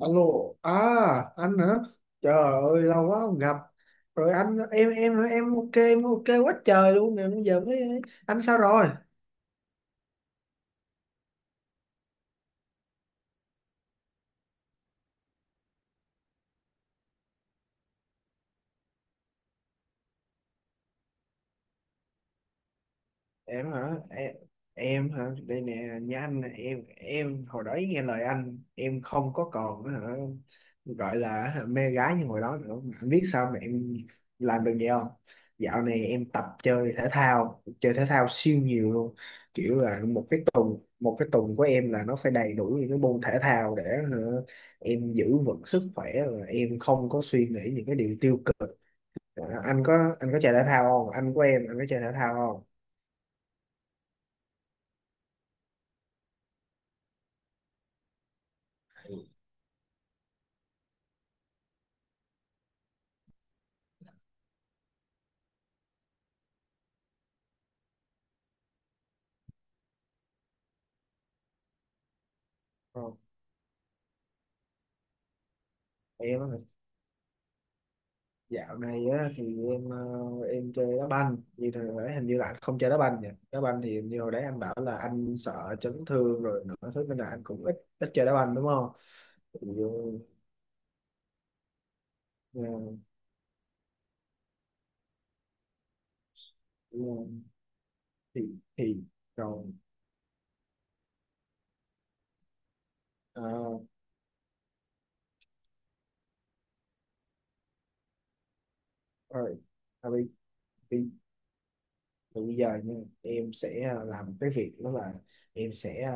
Alo, à anh hả? Trời ơi lâu quá không gặp. Rồi anh em ok, ok quá trời luôn nè, bây giờ mới anh sao rồi? em hả em, em hả? Đây nè nhá anh nè, em hồi đó nghe lời anh, em không có còn gọi là, mê gái như hồi đó nữa. Mà anh biết sao mà em làm được vậy không? Dạo này em tập chơi thể thao, chơi thể thao siêu nhiều luôn. Kiểu là một cái tuần của em là nó phải đầy đủ những cái môn thể thao để hả, em giữ vững sức khỏe và em không có suy nghĩ những cái điều tiêu cực. Ờ, anh có chơi thể thao không? Anh của em, anh có chơi thể thao không? Không. Em á, dạo này á, thì em em chơi đá banh. Như hồi đấy hình như là anh không chơi đá banh nhỉ? Đá banh thì như hồi đấy anh bảo là anh sợ chấn thương rồi nữa, thế nên là anh cũng ít ít chơi đá banh đúng không? Thì, ờ, ờ, thì thì rồi ờ, rồi à, bị Từ bây giờ nha, em sẽ làm cái việc đó, là em sẽ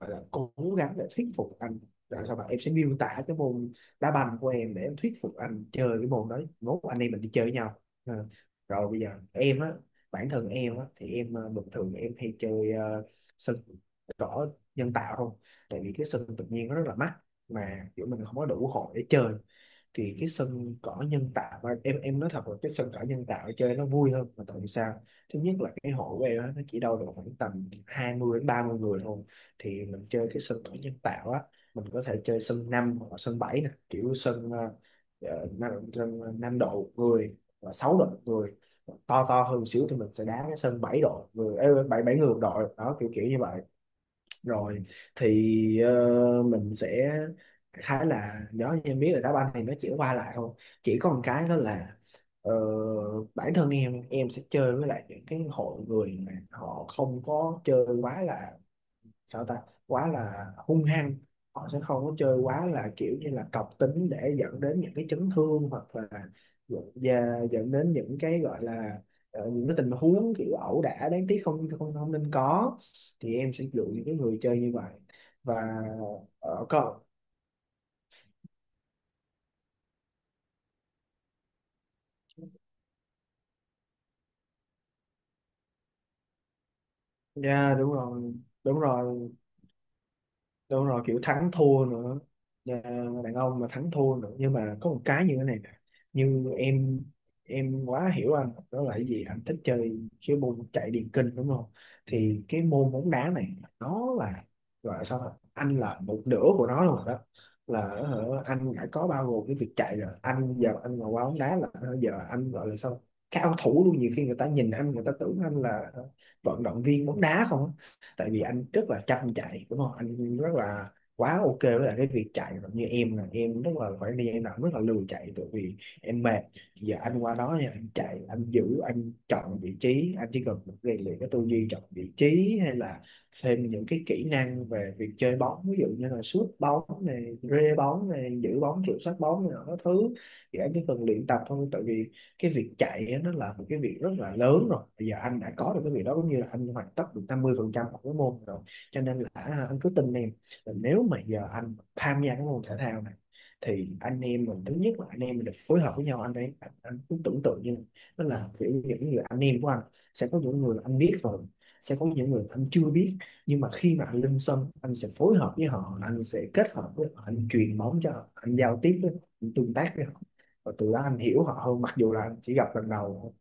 gọi là cố gắng để thuyết phục anh. Rồi sao, bạn em sẽ miêu tả cái môn đá banh của em để em thuyết phục anh chơi cái môn đó, mốt anh em mình đi chơi với nhau. Ờ. Rồi bây giờ em á, bản thân em á, thì em à, bình thường em hay chơi sân cỏ nhân tạo không, tại vì cái sân tự nhiên nó rất là mắc mà kiểu mình không có đủ hội để chơi. Thì cái sân cỏ nhân tạo, và em nói thật là cái sân cỏ nhân tạo chơi nó vui hơn. Mà tại vì sao? Thứ nhất là cái hội của em á, nó chỉ đâu được khoảng tầm 20 đến 30 người thôi, thì mình chơi cái sân cỏ nhân tạo á. Mình có thể chơi sân 5 hoặc là sân 7 nè, kiểu sân 5 sân độ người và 6 độ người. To to hơn một xíu thì mình sẽ đá cái sân 7 độ người, 7 7 người một đội đó, kiểu kiểu như vậy. Rồi thì mình sẽ khá là nhớ, như em biết là đá banh thì nó chỉ qua lại thôi. Chỉ có một cái đó là ờ, bản thân em sẽ chơi với lại những cái hội người mà họ không có chơi quá là sao ta, quá là hung hăng. Họ sẽ không có chơi quá là kiểu như là cọc tính để dẫn đến những cái chấn thương, hoặc là dẫn- và dẫn đến những cái gọi là những cái tình huống kiểu ẩu đả đáng tiếc không không không nên có. Thì em sẽ lựa những cái người chơi như vậy. Và có. Dạ đúng rồi, đúng rồi, đúng rồi, kiểu thắng thua nữa. Nhà đàn ông mà thắng thua nữa. Nhưng mà có một cái như thế này nè, như em quá hiểu anh. Đó là cái gì? Anh thích chơi cái môn chạy điền kinh đúng không? Thì cái môn bóng đá này nó là gọi là sao ta? Anh là một nửa của nó rồi đó. Là anh đã có bao gồm cái việc chạy rồi. Anh giờ anh mà qua bóng đá là giờ anh gọi là sao, cao thủ luôn. Nhiều khi người ta nhìn anh, người ta tưởng anh là vận động viên bóng đá không á, tại vì anh rất là chăm chạy đúng không, anh rất là quá ok với lại cái việc chạy. Còn như em là em rất là, khoảng thời gian nào cũng rất là lười chạy, tại vì em mệt. Giờ anh qua đó thì anh chạy, anh giữ, anh chọn vị trí. Anh chỉ cần rèn luyện cái tư duy chọn vị trí, hay là thêm những cái kỹ năng về việc chơi bóng, ví dụ như là sút bóng này, rê bóng này, giữ bóng, kiểm soát bóng này nọ các thứ. Thì anh chỉ cần luyện tập thôi, tại vì cái việc chạy nó là một cái việc rất là lớn rồi. Bây giờ anh đã có được cái việc đó cũng như là anh hoàn tất được 50% phần trăm của cái môn rồi. Cho nên là à, anh cứ tin em, là nếu mà giờ anh tham gia cái môn thể thao này, thì anh em mình, thứ nhất là anh em mình được phối hợp với nhau. Anh cứ tưởng tượng như nó là kiểu những người anh em của anh. Sẽ có những người anh biết rồi, sẽ có những người anh chưa biết, nhưng mà khi mà anh lên sân anh sẽ phối hợp với họ, anh sẽ kết hợp với họ, anh truyền bóng cho họ, anh giao tiếp với họ, anh tương tác với họ, và từ đó anh hiểu họ hơn, mặc dù là anh chỉ gặp lần đầu thôi.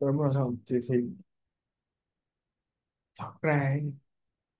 Đúng rồi. Không thì, thì Thật ra,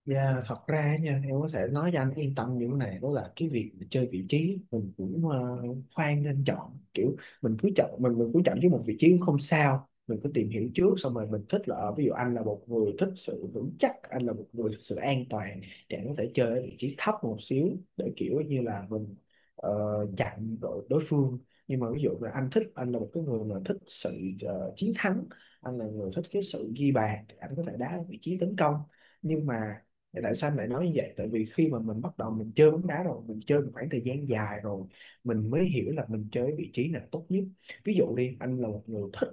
dạ, thật ra á nha, em có thể nói cho anh yên tâm những này, đó là cái việc mà chơi vị trí mình cũng khoan nên chọn kiểu. Mình cứ chọn, mình cứ chọn với một vị trí cũng không sao, mình cứ tìm hiểu trước, xong rồi mình thích là ở- ví dụ anh là một người thích sự vững chắc, anh là một người thích sự an toàn, thì anh có thể chơi ở vị trí thấp một xíu, để kiểu như là mình ờ, chặn đội đối phương. Nhưng mà ví dụ là anh thích, anh là một cái người mà thích sự chiến thắng, anh là người thích cái sự ghi bàn, thì anh có thể đá ở vị trí tấn công. Nhưng mà thì tại sao em lại nói như vậy? Tại vì khi mà mình bắt đầu mình chơi bóng đá rồi, mình chơi một khoảng thời gian dài rồi, mình mới hiểu là mình chơi vị trí nào tốt nhất. Ví dụ đi, anh là một người thích,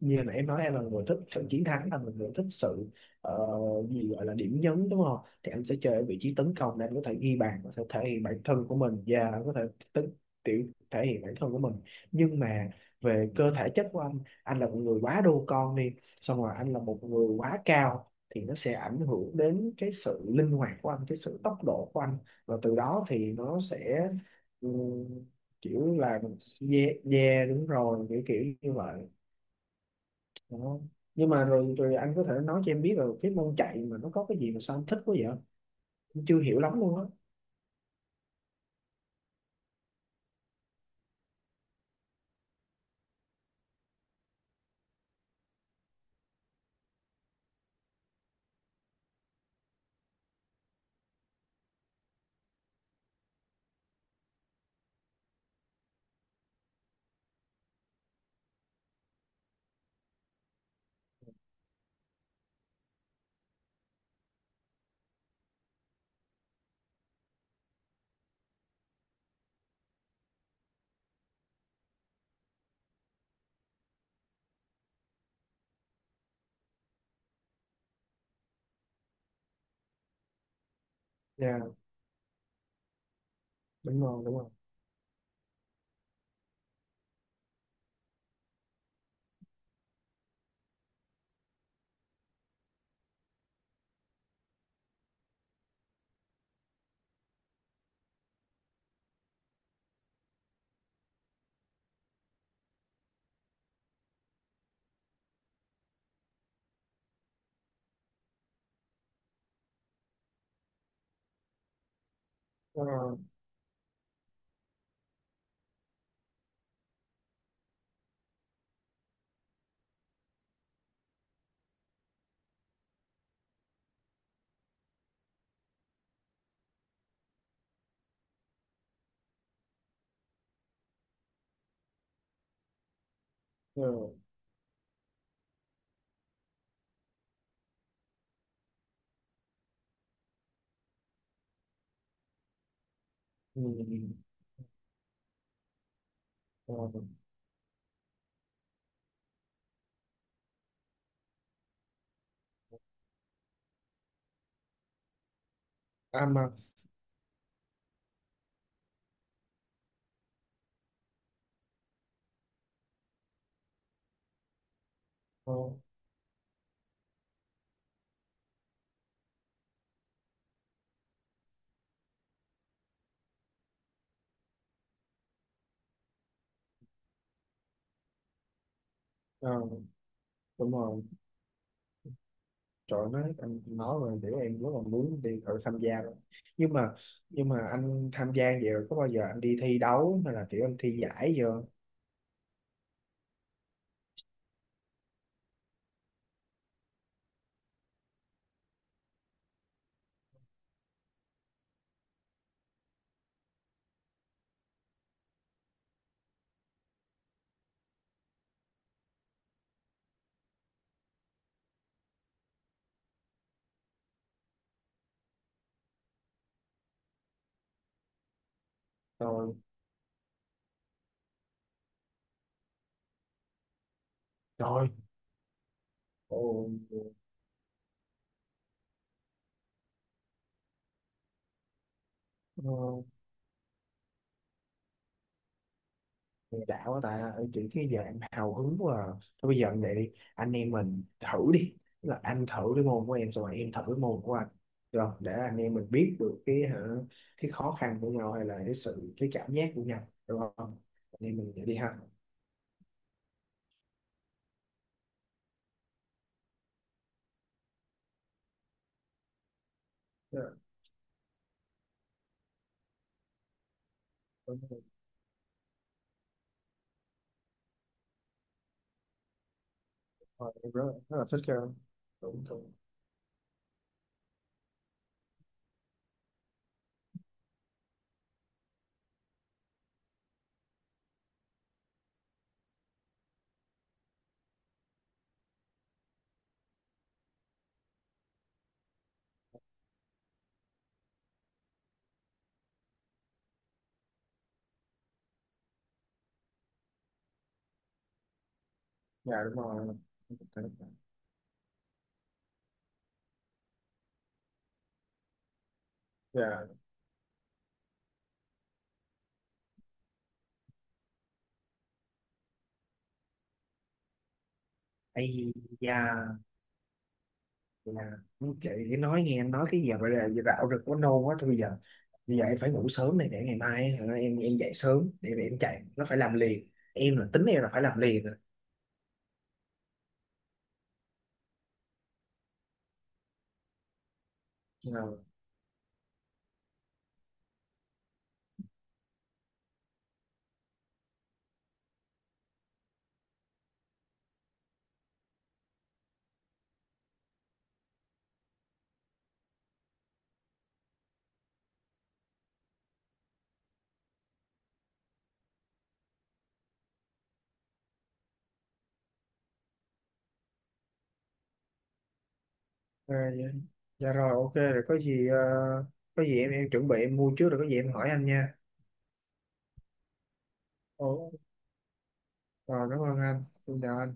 như là em nói, em là người thích sự chiến thắng, là một người thích sự ờ, gì gọi là điểm nhấn đúng không, thì anh sẽ chơi ở vị trí tấn công để anh có thể ghi bàn, có thể thể hiện bản thân của mình, và anh có thể tính tiểu thể hiện bản thân của mình. Nhưng mà về cơ thể chất của anh là một người quá đô con đi, xong rồi anh là một người quá cao, thì nó sẽ ảnh hưởng đến cái sự linh hoạt của anh, cái sự tốc độ của anh, và từ đó thì nó sẽ ừ, kiểu là yeah, yeah, đúng rồi, kiểu kiểu như vậy đó. Nhưng mà rồi rồi anh có thể nói cho em biết là cái môn chạy mà nó có cái gì mà sao anh thích quá vậy? Em chưa hiểu lắm luôn á. Dạ, đúng rồi, đúng rồi. Ờ, ờ, ừ, ờ, à mà, ờ, ờ, Đúng rồi. Trời ơi, nói anh nói rồi để em rất là muốn đi thử tham gia rồi. Nhưng mà nhưng mà anh tham gia vậy rồi có bao giờ anh đi thi đấu hay là kiểu anh thi giải giờ? Rồi, rồi. Ồ, ờ, Nghe đã quá ta, chỉ cái giờ em hào hứng quá à. Thôi bây giờ như vậy đi, anh em mình thử đi. Tức là anh thử cái môn của em, xong rồi em thử cái môn của anh, rồi để anh em mình biết được cái cái khó khăn của nhau, hay là cái sự cái cảm giác của nhau, được không? Anh em mình vậy đi ha. Dạ, đúng rồi. Thôi, em rất, rất là thích cái đúng đúng, dạ đúng rồi, dạ ây da là. Chị thì nói nghe em nói cái giờ, bây giờ rạo rực quá, nôn quá. Thôi bây giờ, em phải ngủ sớm này, để ngày mai em dậy sớm để mà em chạy. Nó phải làm liền, em là tính em là phải làm liền rồi. Rồi, ờ, dạ, dạ rồi ok rồi, có gì có gì em chuẩn bị em mua trước, rồi có gì em hỏi anh nha. Ồ, Rồi, cảm ơn anh, xin chào anh.